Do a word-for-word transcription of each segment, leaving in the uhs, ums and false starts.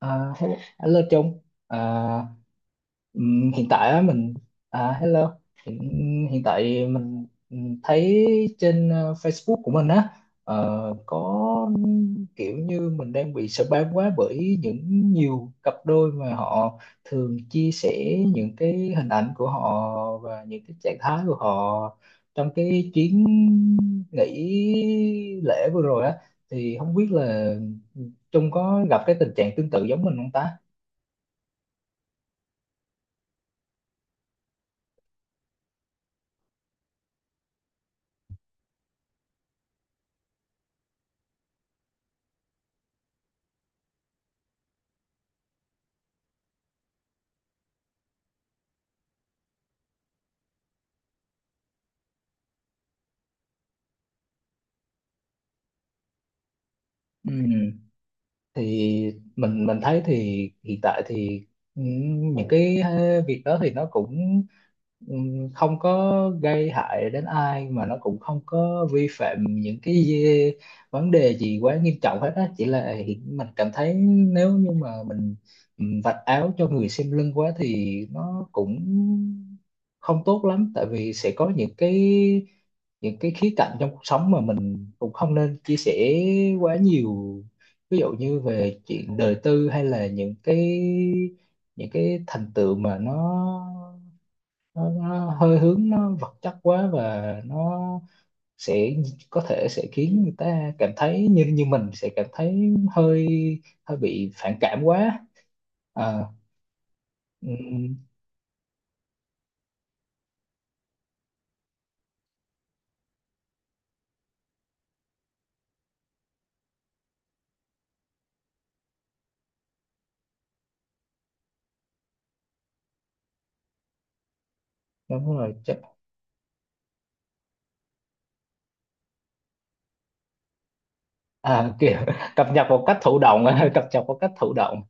À, hello, hello Trung à, ừm, hiện tại á, mình à, hello hiện, hiện tại mình ừm, thấy trên ờ, Facebook của mình á, ờ, có kiểu như mình đang bị spam quá bởi những nhiều cặp đôi mà họ thường chia sẻ những cái hình ảnh của họ và những cái trạng thái của họ trong cái chuyến nghỉ lễ vừa rồi á, thì không biết là Trung có gặp cái tình trạng tương tự giống mình không ta. Ừ. Thì mình mình thấy thì hiện tại thì ừ, những cái ờ, việc đó thì nó cũng ừ, không có gây hại đến ai mà nó cũng không có vi phạm những cái gì- vấn đề gì quá nghiêm trọng hết á, chỉ là hiện- mình cảm thấy nếu như mà mình ừ, vạch áo cho người xem lưng quá thì nó cũng không tốt lắm, tại vì sẽ có những cái những cái khía cạnh trong cuộc sống mà mình cũng không nên chia sẻ quá nhiều, ví dụ như về chuyện đời tư hay là những cái những cái thành tựu mà nó nó, nó hơi hướng nó vật chất quá, và nó sẽ có thể sẽ khiến người ta cảm thấy như như mình sẽ cảm thấy hơi hơi bị phản cảm quá. à, ừm, Đúng rồi chắc. À, kiểu cập nhật một cách thụ động cập nhật một cách thụ động.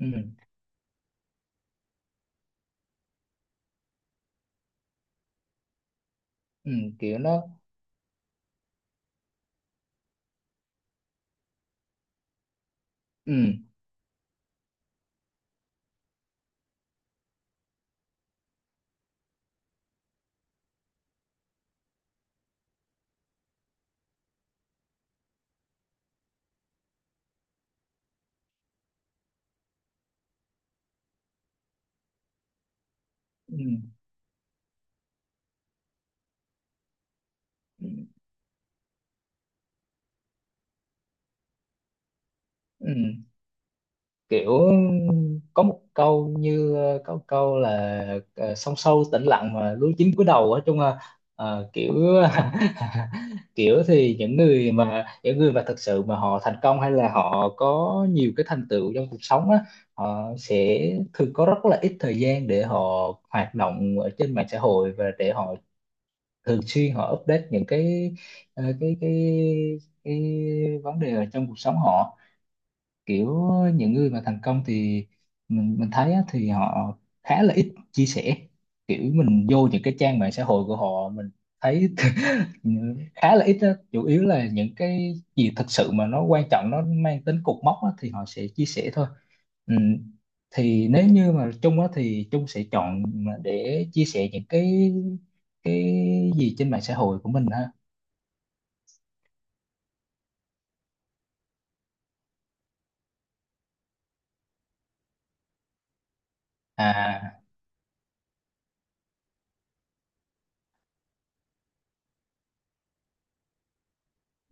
Ừm, ừm, Kiểu nó ừm, ừm, ừm, kiểu có một câu như ờ, có một câu là ờ, sông sâu tĩnh lặng mà lúa chín cúi đầu á, chung là ờ, kiểu kiểu thì những người mà những người mà thực sự mà họ thành công hay là họ có nhiều cái thành tựu trong cuộc sống á, họ sẽ thường có rất là ít thời gian để họ hoạt động ở trên mạng xã hội và để họ thường xuyên họ update những cái ờ, cái cái cái vấn đề ở trong cuộc sống họ, kiểu ờ, những người mà thành công thì mình mình thấy á, thì họ khá là ít chia sẻ, kiểu mình vô những cái trang mạng xã hội của họ mình thấy khá là ít á. Chủ yếu là những cái gì thật sự mà nó quan trọng nó mang tính cột mốc á, thì họ sẽ chia sẻ thôi. Ừ. Thì nếu như mà Trung á, thì Trung sẽ chọn mà để chia sẻ những cái cái gì trên mạng xã hội của mình ha? À,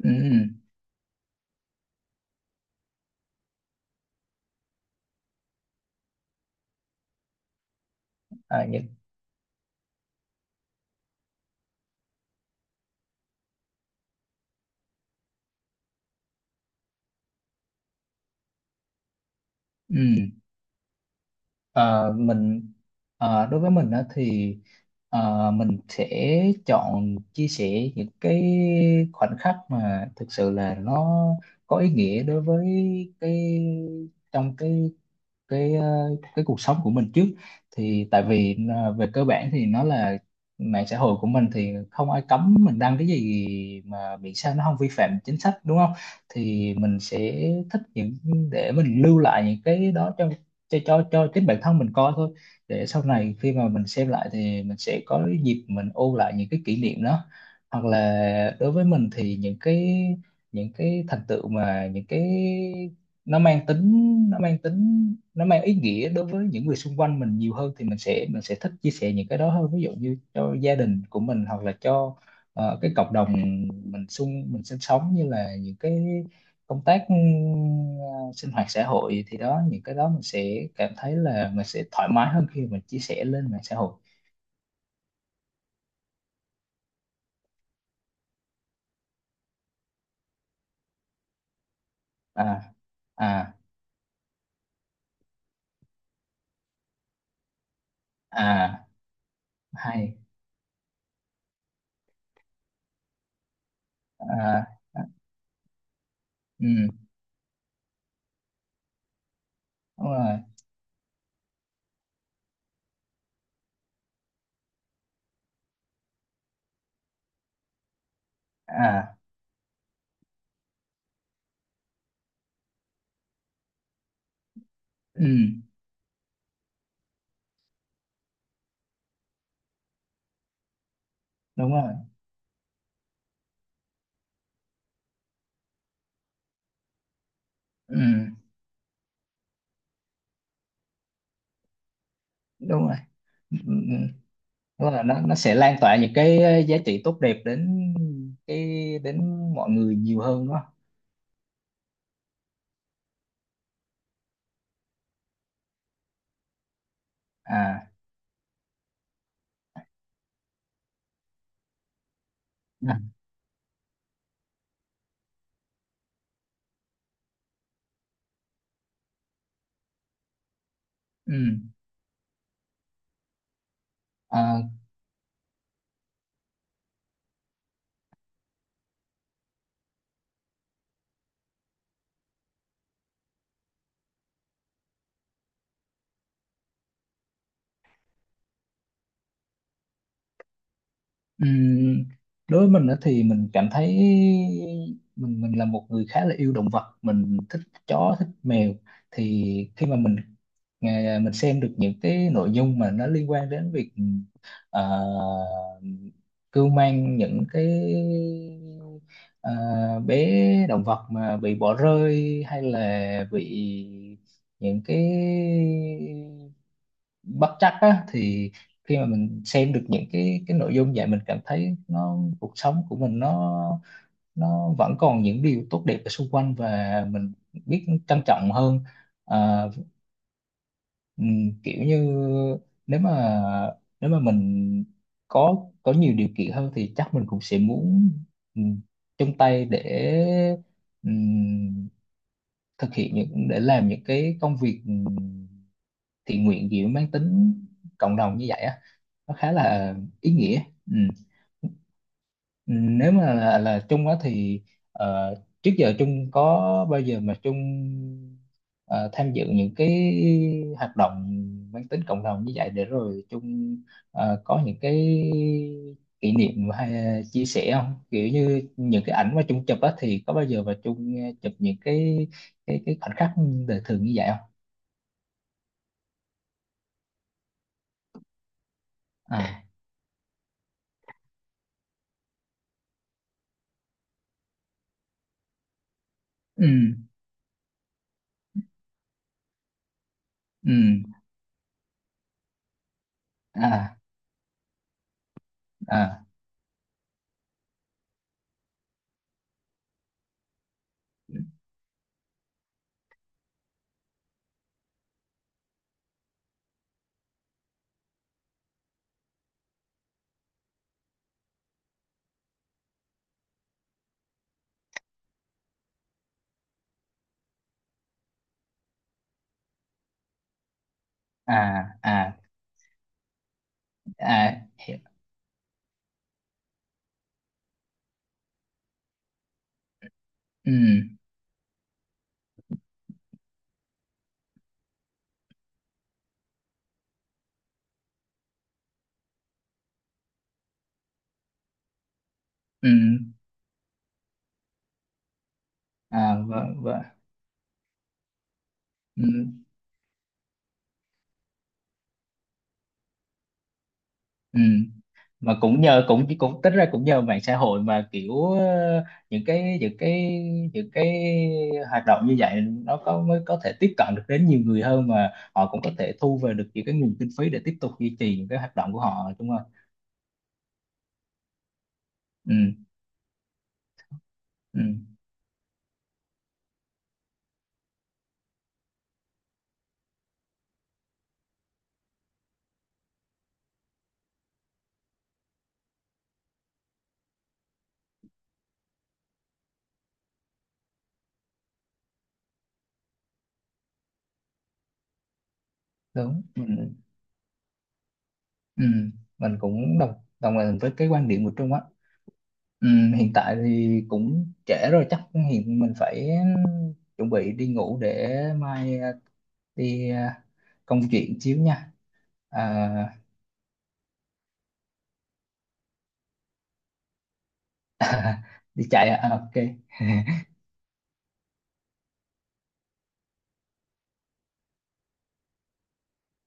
ừ, ừ. À, những, ừ. Ờ, mình ờ, đối với mình á thì ờ, mình sẽ chọn chia sẻ những cái khoảnh khắc mà thực sự là nó có ý nghĩa đối với cái trong cái cái ờ, cái cuộc sống của mình trước. Thì tại vì ờ, về cơ bản thì nó là mạng xã hội của mình thì không ai cấm mình đăng cái gì mà miễn sao nó không vi phạm chính sách, đúng không? Thì mình sẽ thích những để mình lưu lại những cái đó cho cho cho, cho chính bản thân mình coi thôi, để sau này khi mà mình xem lại thì mình sẽ có cái dịp mình ôn lại những cái kỷ niệm đó. Hoặc là đối với mình thì những cái những cái thành tựu mà những cái nó mang tính nó mang tính nó mang ý nghĩa đối với những người xung quanh mình nhiều hơn thì mình sẽ mình sẽ thích chia sẻ những cái đó hơn, ví dụ như cho gia đình của mình hoặc là cho ờ, cái cộng đồng mình xung mình sinh sống, như là những cái công tác ừ, sinh hoạt xã hội, thì đó những cái đó mình sẽ cảm thấy là mình sẽ thoải mái hơn khi mình chia sẻ lên mạng xã hội. À. À. À hay. À, à. Ừ, đúng rồi. À, ừ, đúng rồi. Ừ, đúng rồi. Ừ, ừ, ừ. Là nó nó sẽ lan tỏa những cái ờ, giá trị tốt đẹp đến cái đến mọi người nhiều hơn đó. À. Ừ. À. Ừ. À, ừ. Đối với mình đó thì mình cảm thấy mình mình là một người khá là yêu động vật, mình thích chó thích mèo. Thì khi mà mình à, mình xem được những cái nội dung mà nó liên quan đến việc ờ, cưu mang những cái ờ, bé động vật mà bị bỏ rơi hay là bị những cái bất trắc á, thì khi mà mình xem được những cái cái nội dung vậy mình cảm thấy nó cuộc sống của mình nó nó vẫn còn những điều tốt đẹp ở xung quanh và mình biết trân trọng hơn. Ờ. Ừ, kiểu như nếu mà nếu mà mình có có nhiều điều kiện hơn thì chắc mình cũng sẽ muốn ừ, chung tay để ừm, thực hiện những để làm những cái công việc ừm, thiện nguyện gì mang tính cộng đồng như vậy á, nó khá là ý nghĩa. Ừ. Ừ, nếu mà là, là Trung á thì ờ, trước giờ Trung có bao giờ mà Trung ờ, tham dự những cái hoạt động mang tính cộng đồng như vậy để rồi Trung ờ, có những cái kỷ niệm hay chia sẻ không, kiểu như những cái ảnh mà Trung chụp á, thì có bao giờ mà Trung chụp những cái cái cái khoảnh khắc đời thường như vậy không? À. Ừ. Ừ. À. À. À. À. À. Ừ. Ừ. À, vâng, vâng. Ừ, ừ. Mà cũng nhờ cũng cũng tính ra cũng nhờ mạng xã hội mà kiểu ờ, những cái những cái những cái hoạt động như vậy nó có mới có thể tiếp cận được đến nhiều người hơn, mà họ cũng có thể thu về được những cái nguồn kinh phí để tiếp tục duy trì những cái hoạt động của họ đúng không? Ừ, ừ, đúng. Mình ừ, mình cũng đồng đồng tình với cái quan điểm của Trung á. Ừ, hiện tại thì cũng trễ rồi chắc hiện mình phải chuẩn bị đi ngủ để mai à, đi à, công chuyện xíu nha. Ờ, đi chạy à? À, ok.